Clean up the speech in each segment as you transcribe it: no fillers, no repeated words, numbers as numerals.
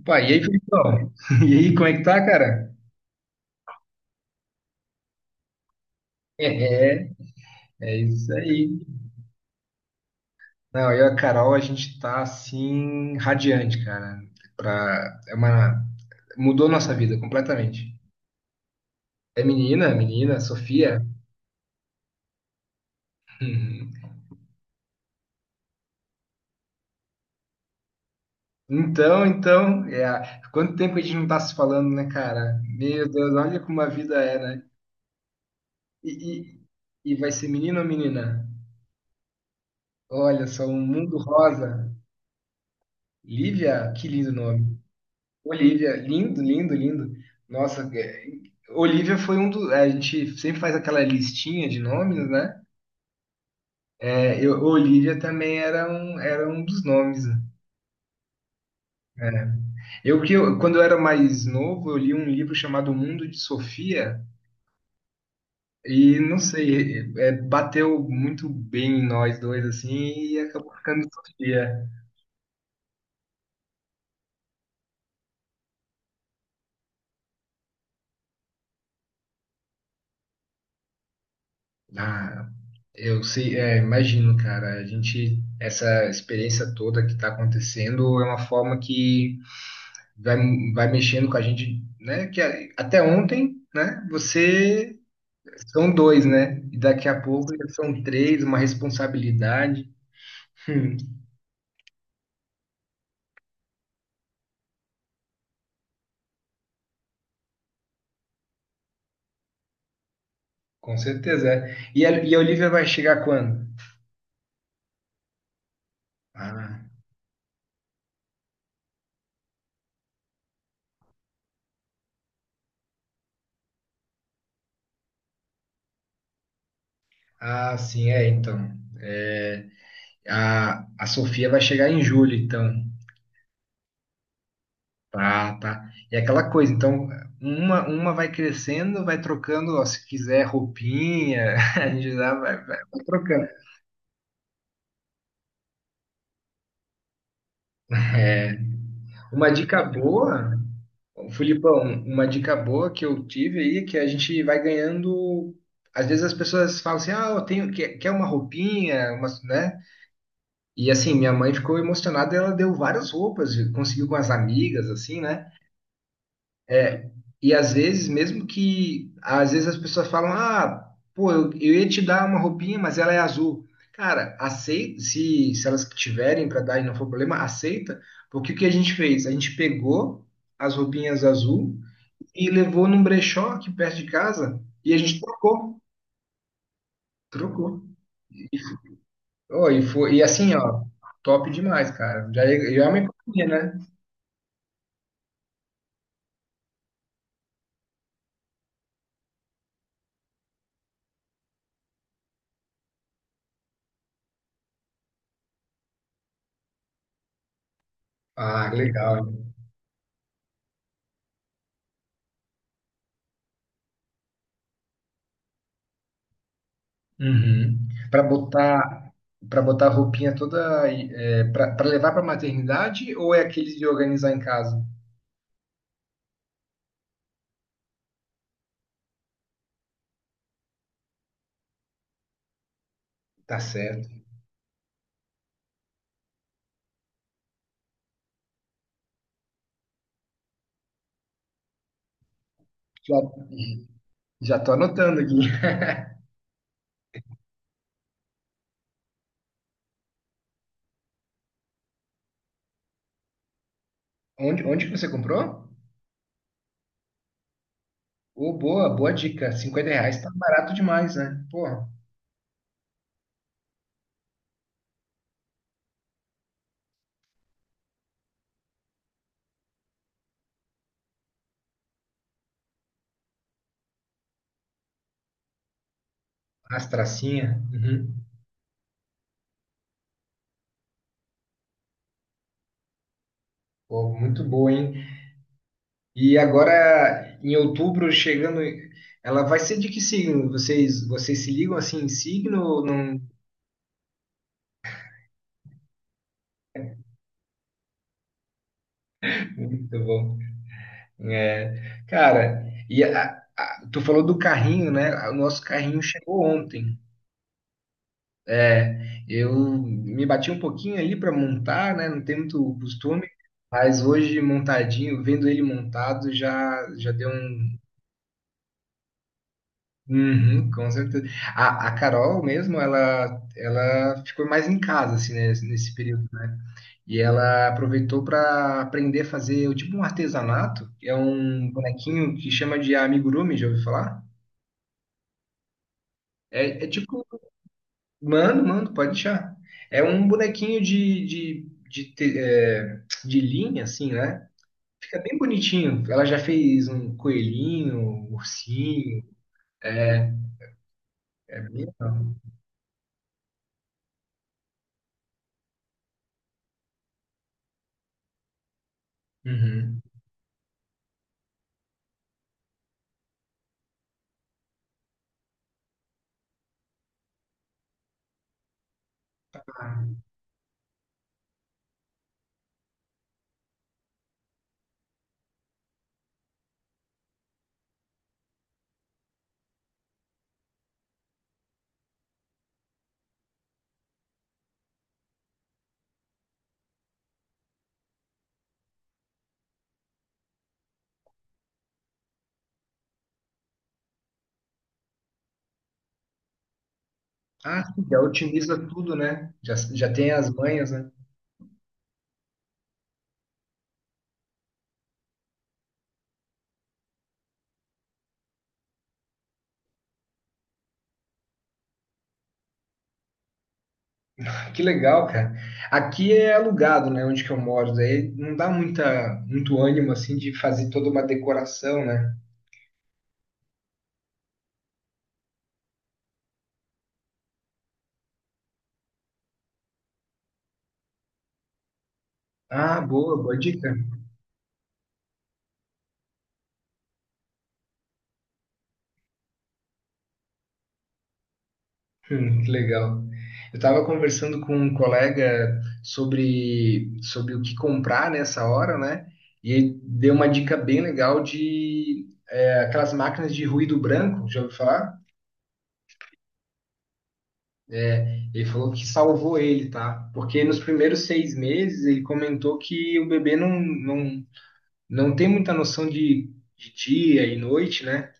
Opa, e aí, Felipão? E aí, como é que tá, cara? É, é isso aí. Não, eu e a Carol, a gente tá assim, radiante, cara. Pra, é uma, mudou nossa vida completamente. É menina, menina, Sofia. Uhum. Então, quanto tempo a gente não tá se falando, né, cara? Meu Deus, olha como a vida é, né? E, e vai ser menino ou menina? Olha só, um mundo rosa. Lívia, que lindo nome. Olivia, lindo, lindo, lindo. Nossa, Olivia foi um dos. A gente sempre faz aquela listinha de nomes, né? É, Olivia também era um dos nomes. Né? É. Quando eu era mais novo, eu li um livro chamado O Mundo de Sofia e não sei, é, bateu muito bem em nós dois assim e acabou ficando Sofia. Ah, eu sei, é, imagino, cara. A gente essa experiência toda que está acontecendo é uma forma que vai, vai mexendo com a gente, né? Até ontem, né? Você são dois, né? E daqui a pouco já são três, uma responsabilidade. Hum, com certeza. É. E a Olivia vai chegar quando? Ah, ah, sim, é, então. É, a Sofia vai chegar em julho, então. Tá, tá. E é aquela coisa, então, uma vai crescendo, vai trocando, ó, se quiser roupinha, a gente já vai trocando. É, uma dica boa. Bom, Filipão, uma dica boa que eu tive aí, é que a gente vai ganhando. Às vezes as pessoas falam assim, ah, quer uma roupinha, uma, né? E assim, minha mãe ficou emocionada, ela deu várias roupas, conseguiu com as amigas, assim, né? É, E às vezes, mesmo que, às vezes as pessoas falam, ah, pô, eu ia te dar uma roupinha, mas ela é azul. Cara, aceita, se elas tiverem para dar e não for problema, aceita, porque o que a gente fez? A gente pegou as roupinhas azul e levou num brechó aqui perto de casa e a gente trocou, trocou. Oh, e foi, e assim, ó, top demais, cara. Já é uma economia, né? Ah, legal. Uhum. Para botar para botar a roupinha toda para levar para maternidade ou é aqueles de organizar em casa? Tá certo. Já, já tô anotando aqui. Onde que você comprou? Ô, boa, boa dica. R$ 50 tá barato demais, né? Porra, as tracinhas. Uhum. Pô, muito boa, hein? E agora, em outubro, chegando, ela vai ser de que signo? Vocês se ligam assim em signo ou não? Muito bom. É, cara, e tu falou do carrinho, né? O nosso carrinho chegou ontem. É, eu me bati um pouquinho ali para montar, né? Não tem muito costume, mas hoje montadinho, vendo ele montado, já já deu um Uhum, com certeza. A Carol mesmo, ela ficou mais em casa, assim, né, nesse período, né? E ela aproveitou para aprender a fazer o tipo um artesanato, que é um bonequinho que chama de amigurumi, já ouviu falar? É, tipo, mano, mano, pode deixar. É um bonequinho de de linha, assim, né? Fica bem bonitinho. Ela já fez um coelhinho, um ursinho, é bem legal. Uhum. Ah, sim, já otimiza tudo, né? Já, já tem as manhas, né? Ah, que legal, cara. Aqui é alugado, né? Onde que eu moro. Daí não dá muita, muito ânimo, assim, de fazer toda uma decoração, né? Ah, boa, boa dica. Que legal. Eu estava conversando com um colega sobre o que comprar nessa hora, né? E ele deu uma dica bem legal de é, aquelas máquinas de ruído branco. Já ouviu falar? Ele falou que salvou ele, tá? Porque nos primeiros 6 meses ele comentou que o bebê não tem muita noção de dia e noite, né?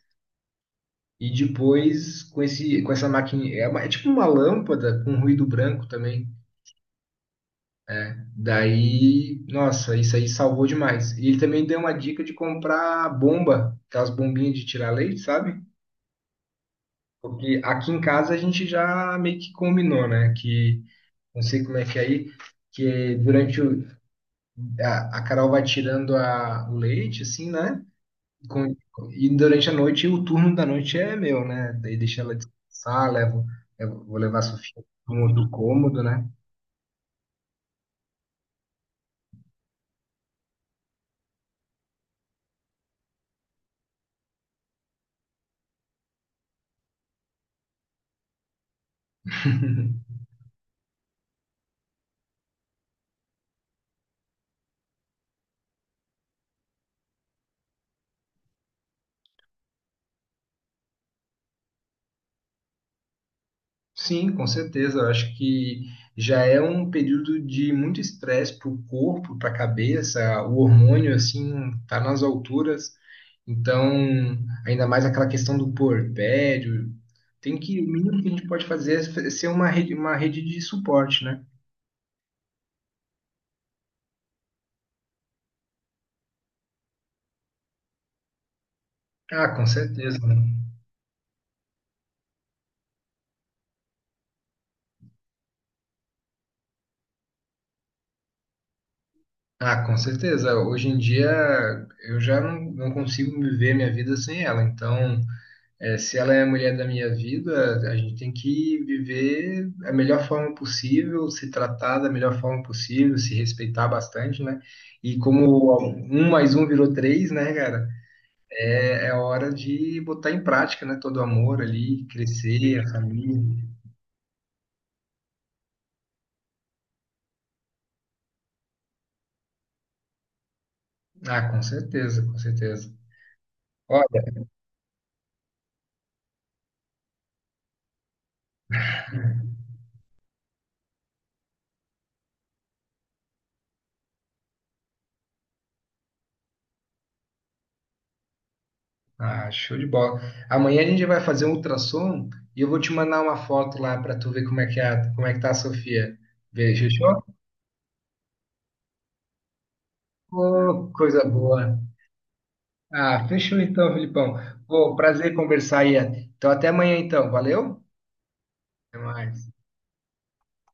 E depois com essa máquina é tipo uma lâmpada com ruído branco também. Daí, nossa, isso aí salvou demais. E ele também deu uma dica de comprar bomba, aquelas bombinhas de tirar leite, sabe? Porque aqui em casa a gente já meio que combinou, né? Que não sei como é que é aí que durante o, A Carol vai tirando a, o leite, assim, né? Com- e durante a noite, o turno da noite é meu, né? Daí deixa ela descansar, levo, eu vou levar a Sofia no outro cômodo, né? Sim, com certeza. Eu acho que já é um período de muito estresse para o corpo, para a cabeça, o hormônio, assim, tá nas alturas. Então, ainda mais aquela questão do puerpério. Tem que, o mínimo que a gente pode fazer é ser uma rede de suporte, né? Ah, com certeza. Né? Ah, com certeza. Hoje em dia eu já não consigo viver minha vida sem ela. Então, se ela é a mulher da minha vida, a gente tem que viver a melhor forma possível, se tratar da melhor forma possível, se respeitar bastante, né? E como um mais um virou três, né, cara? É, é hora de botar em prática, né? Todo o amor ali, crescer, a família. Ah, com certeza, com certeza. Ah, show de bola. Amanhã a gente vai fazer um ultrassom e eu vou te mandar uma foto lá para tu ver como é que é, como é que tá a Sofia. Ver, fechou? Ô, coisa boa. Ah, fechou então, Filipão. Pô, prazer conversar aí. Então até amanhã então. Valeu? Até mais.